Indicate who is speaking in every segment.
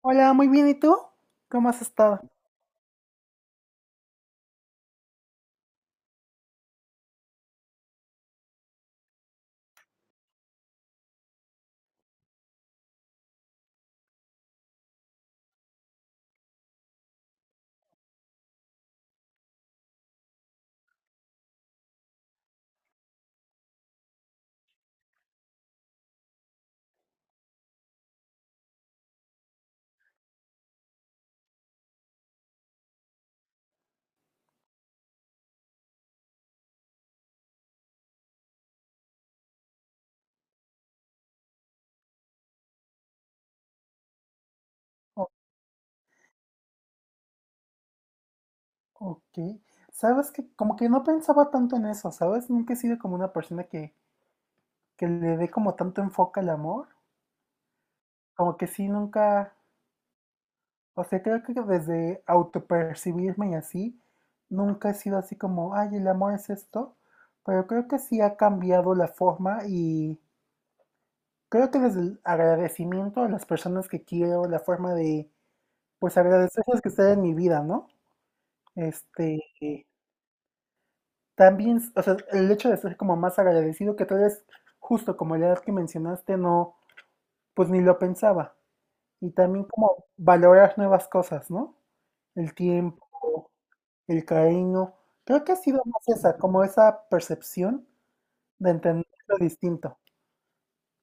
Speaker 1: Hola, muy bien, ¿y tú? ¿Cómo has estado? O- ok, sabes que como que no pensaba tanto en eso, ¿sabes? Nunca he sido como una persona que le dé como tanto enfoque al amor, como que sí, nunca, o sea, creo que desde autopercibirme y así, nunca he sido así como, ay, el amor es esto, pero creo que sí ha cambiado la forma y creo que desde el agradecimiento a las personas que quiero, la forma pues agradecerles que estén en mi vida, ¿no? Este... También, o sea, el hecho de ser como más agradecido, que tal vez justo como la edad que mencionaste, no, pues ni lo pensaba. Y también como valorar nuevas cosas, ¿no? El tiempo, el cariño. Creo que ha sido más esa, como esa percepción de entender lo distinto.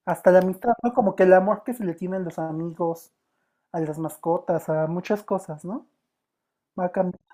Speaker 1: Hasta la amistad, ¿no? Como que el amor que se le tiene a los amigos, a las mascotas, a muchas cosas, ¿no? Va cambiando.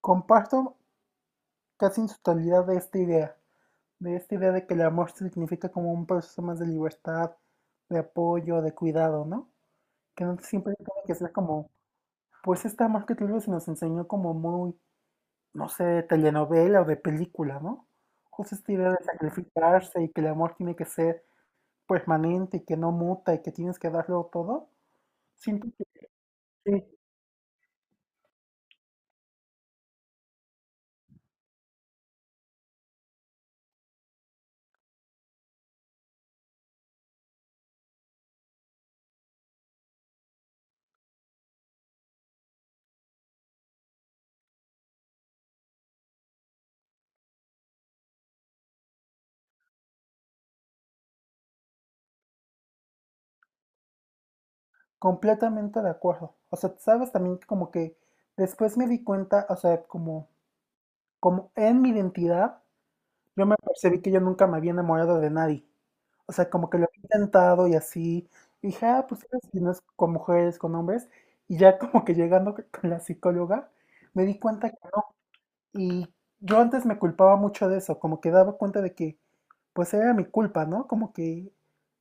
Speaker 1: Comparto casi en su totalidad de esta idea. De esta idea de que el amor significa como un proceso más de libertad, de apoyo, de cuidado, ¿no? Que no siempre tiene que ser como, pues este amor que tal vez se nos enseñó como muy, no sé, de telenovela o de película, ¿no? Justo esta idea de sacrificarse y que el amor tiene que ser permanente y que no muta y que tienes que darlo todo, siento que sí, completamente de acuerdo. O sea, sabes también que como que después me di cuenta, o sea, como, como en mi identidad, yo me percibí que yo nunca me había enamorado de nadie. O sea, como que lo había intentado y así. Y dije, ah, pues sabes si no es con mujeres, con hombres. Y ya como que llegando con la psicóloga, me di cuenta que no. Y yo antes me culpaba mucho de eso, como que daba cuenta de que, pues era mi culpa, ¿no? Como que,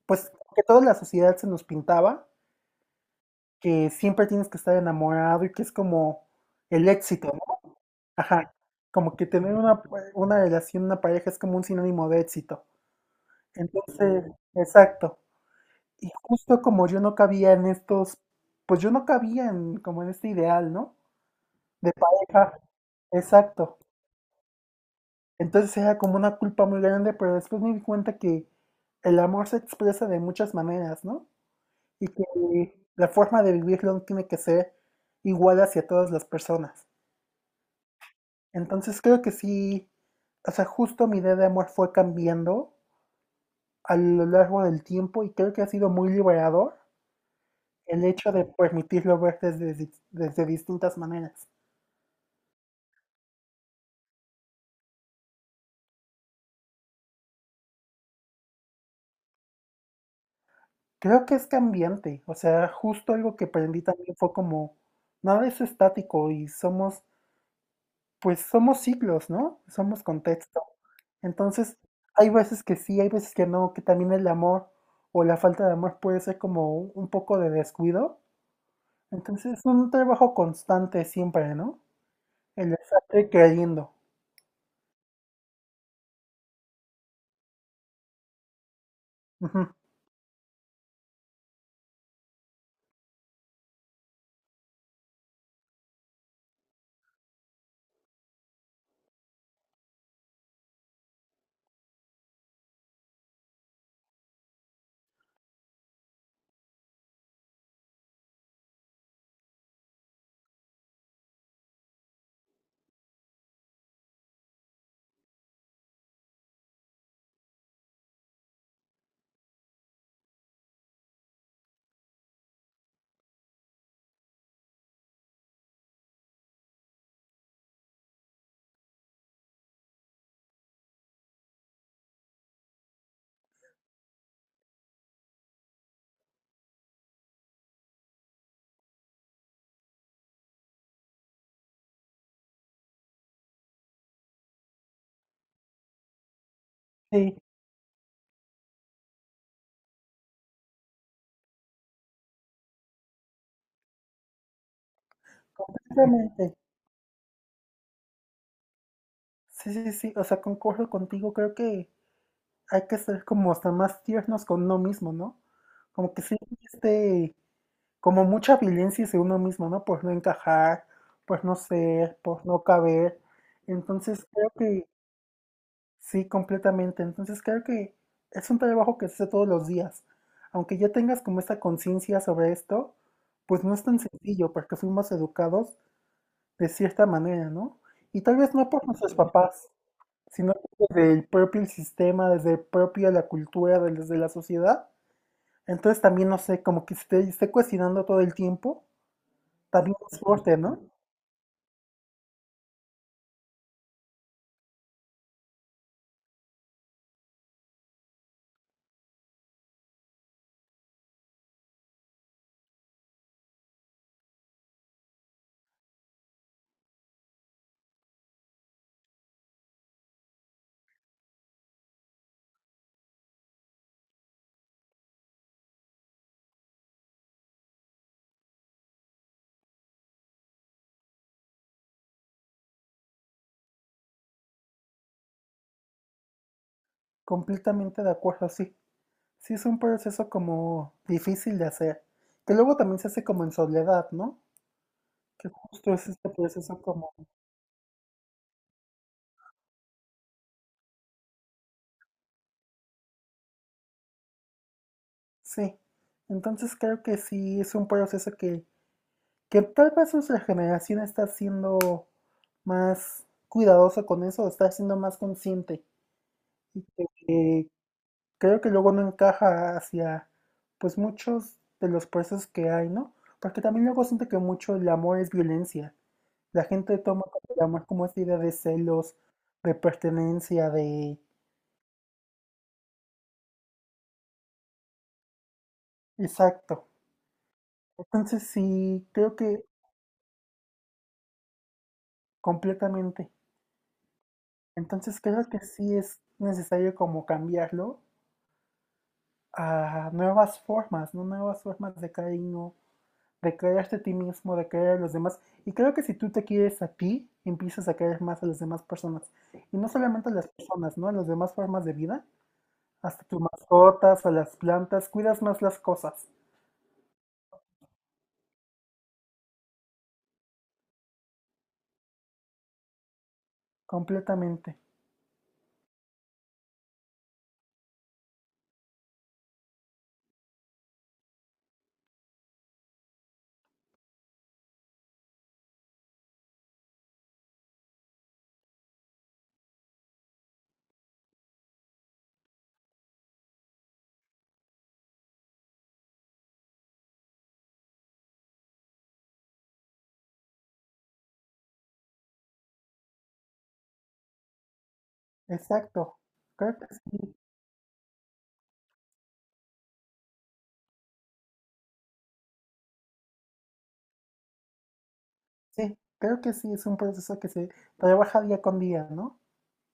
Speaker 1: pues, como que toda la sociedad se nos pintaba, que siempre tienes que estar enamorado y que es como el éxito, ¿no? Ajá. Como que tener una relación, una pareja es como un sinónimo de éxito. Entonces, exacto. Y justo como yo no cabía en estos, pues yo no cabía en como en este ideal, ¿no? De pareja, exacto. Entonces era como una culpa muy grande, pero después me di cuenta que el amor se expresa de muchas maneras, ¿no? Y que la forma de vivirlo no tiene que ser igual hacia todas las personas. Entonces creo que sí, o sea, justo mi idea de amor fue cambiando a lo largo del tiempo y creo que ha sido muy liberador el hecho de permitirlo ver desde, desde distintas maneras. Creo que es cambiante, o sea, justo algo que aprendí también fue como, nada es estático y somos, pues somos ciclos, ¿no? Somos contexto. Entonces, hay veces que sí, hay veces que no, que también el amor o la falta de amor puede ser como un poco de descuido. Entonces, es un trabajo constante siempre, ¿no? El estar creyendo. Ujú. Sí, exactamente. Sí, sí, sí, o sea, concuerdo contigo, creo que hay que ser como hasta más tiernos con uno mismo, ¿no? Como que sí, este, como mucha violencia hacia uno mismo, ¿no? Por no encajar, por no ser, por no caber. Entonces creo que sí, completamente. Entonces creo que es un trabajo que se hace todos los días. Aunque ya tengas como esta conciencia sobre esto, pues no es tan sencillo porque fuimos educados de cierta manera, ¿no? Y tal vez no por nuestros papás sino que desde el propio sistema, desde el propio la cultura, desde la sociedad. Entonces también, no sé, como que esté, esté cuestionando todo el tiempo, también es fuerte, ¿no? Completamente de acuerdo, sí. Sí es un proceso como difícil de hacer, que luego también se hace como en soledad, ¿no? Que justo es este proceso como, sí. Entonces creo que sí es un proceso que tal vez nuestra generación está siendo más cuidadoso con eso, está siendo más consciente, eh, creo que luego no encaja hacia pues muchos de los procesos que hay, ¿no? Porque también luego siento que mucho el amor es violencia. La gente toma como el amor como esta idea de celos, de pertenencia, de... Exacto. Entonces sí, creo que completamente. Entonces creo que sí es necesario como cambiarlo a nuevas formas, ¿no? Nuevas formas de cariño, declararte a ti mismo, de querer a los demás. Y creo que si tú te quieres a ti, empiezas a querer más a las demás personas. Y no solamente a las personas, ¿no? A las demás formas de vida. Hasta tus mascotas, a las plantas, cuidas más las cosas. Completamente. Exacto. Creo que sí, sí. Creo que sí, es un proceso que se trabaja día con día, ¿no?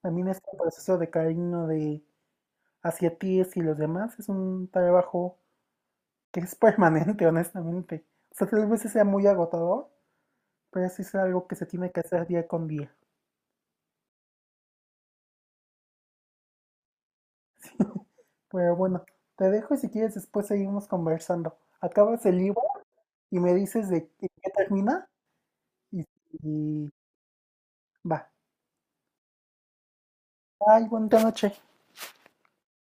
Speaker 1: También este proceso de cariño de hacia ti y los demás es un trabajo que es permanente, honestamente. O sea, tal vez sea muy agotador, pero sí es algo que se tiene que hacer día con día. Pero bueno, te dejo y si quieres después seguimos conversando. Acabas el libro y me dices de qué termina y, y va. Bye, bonita noche.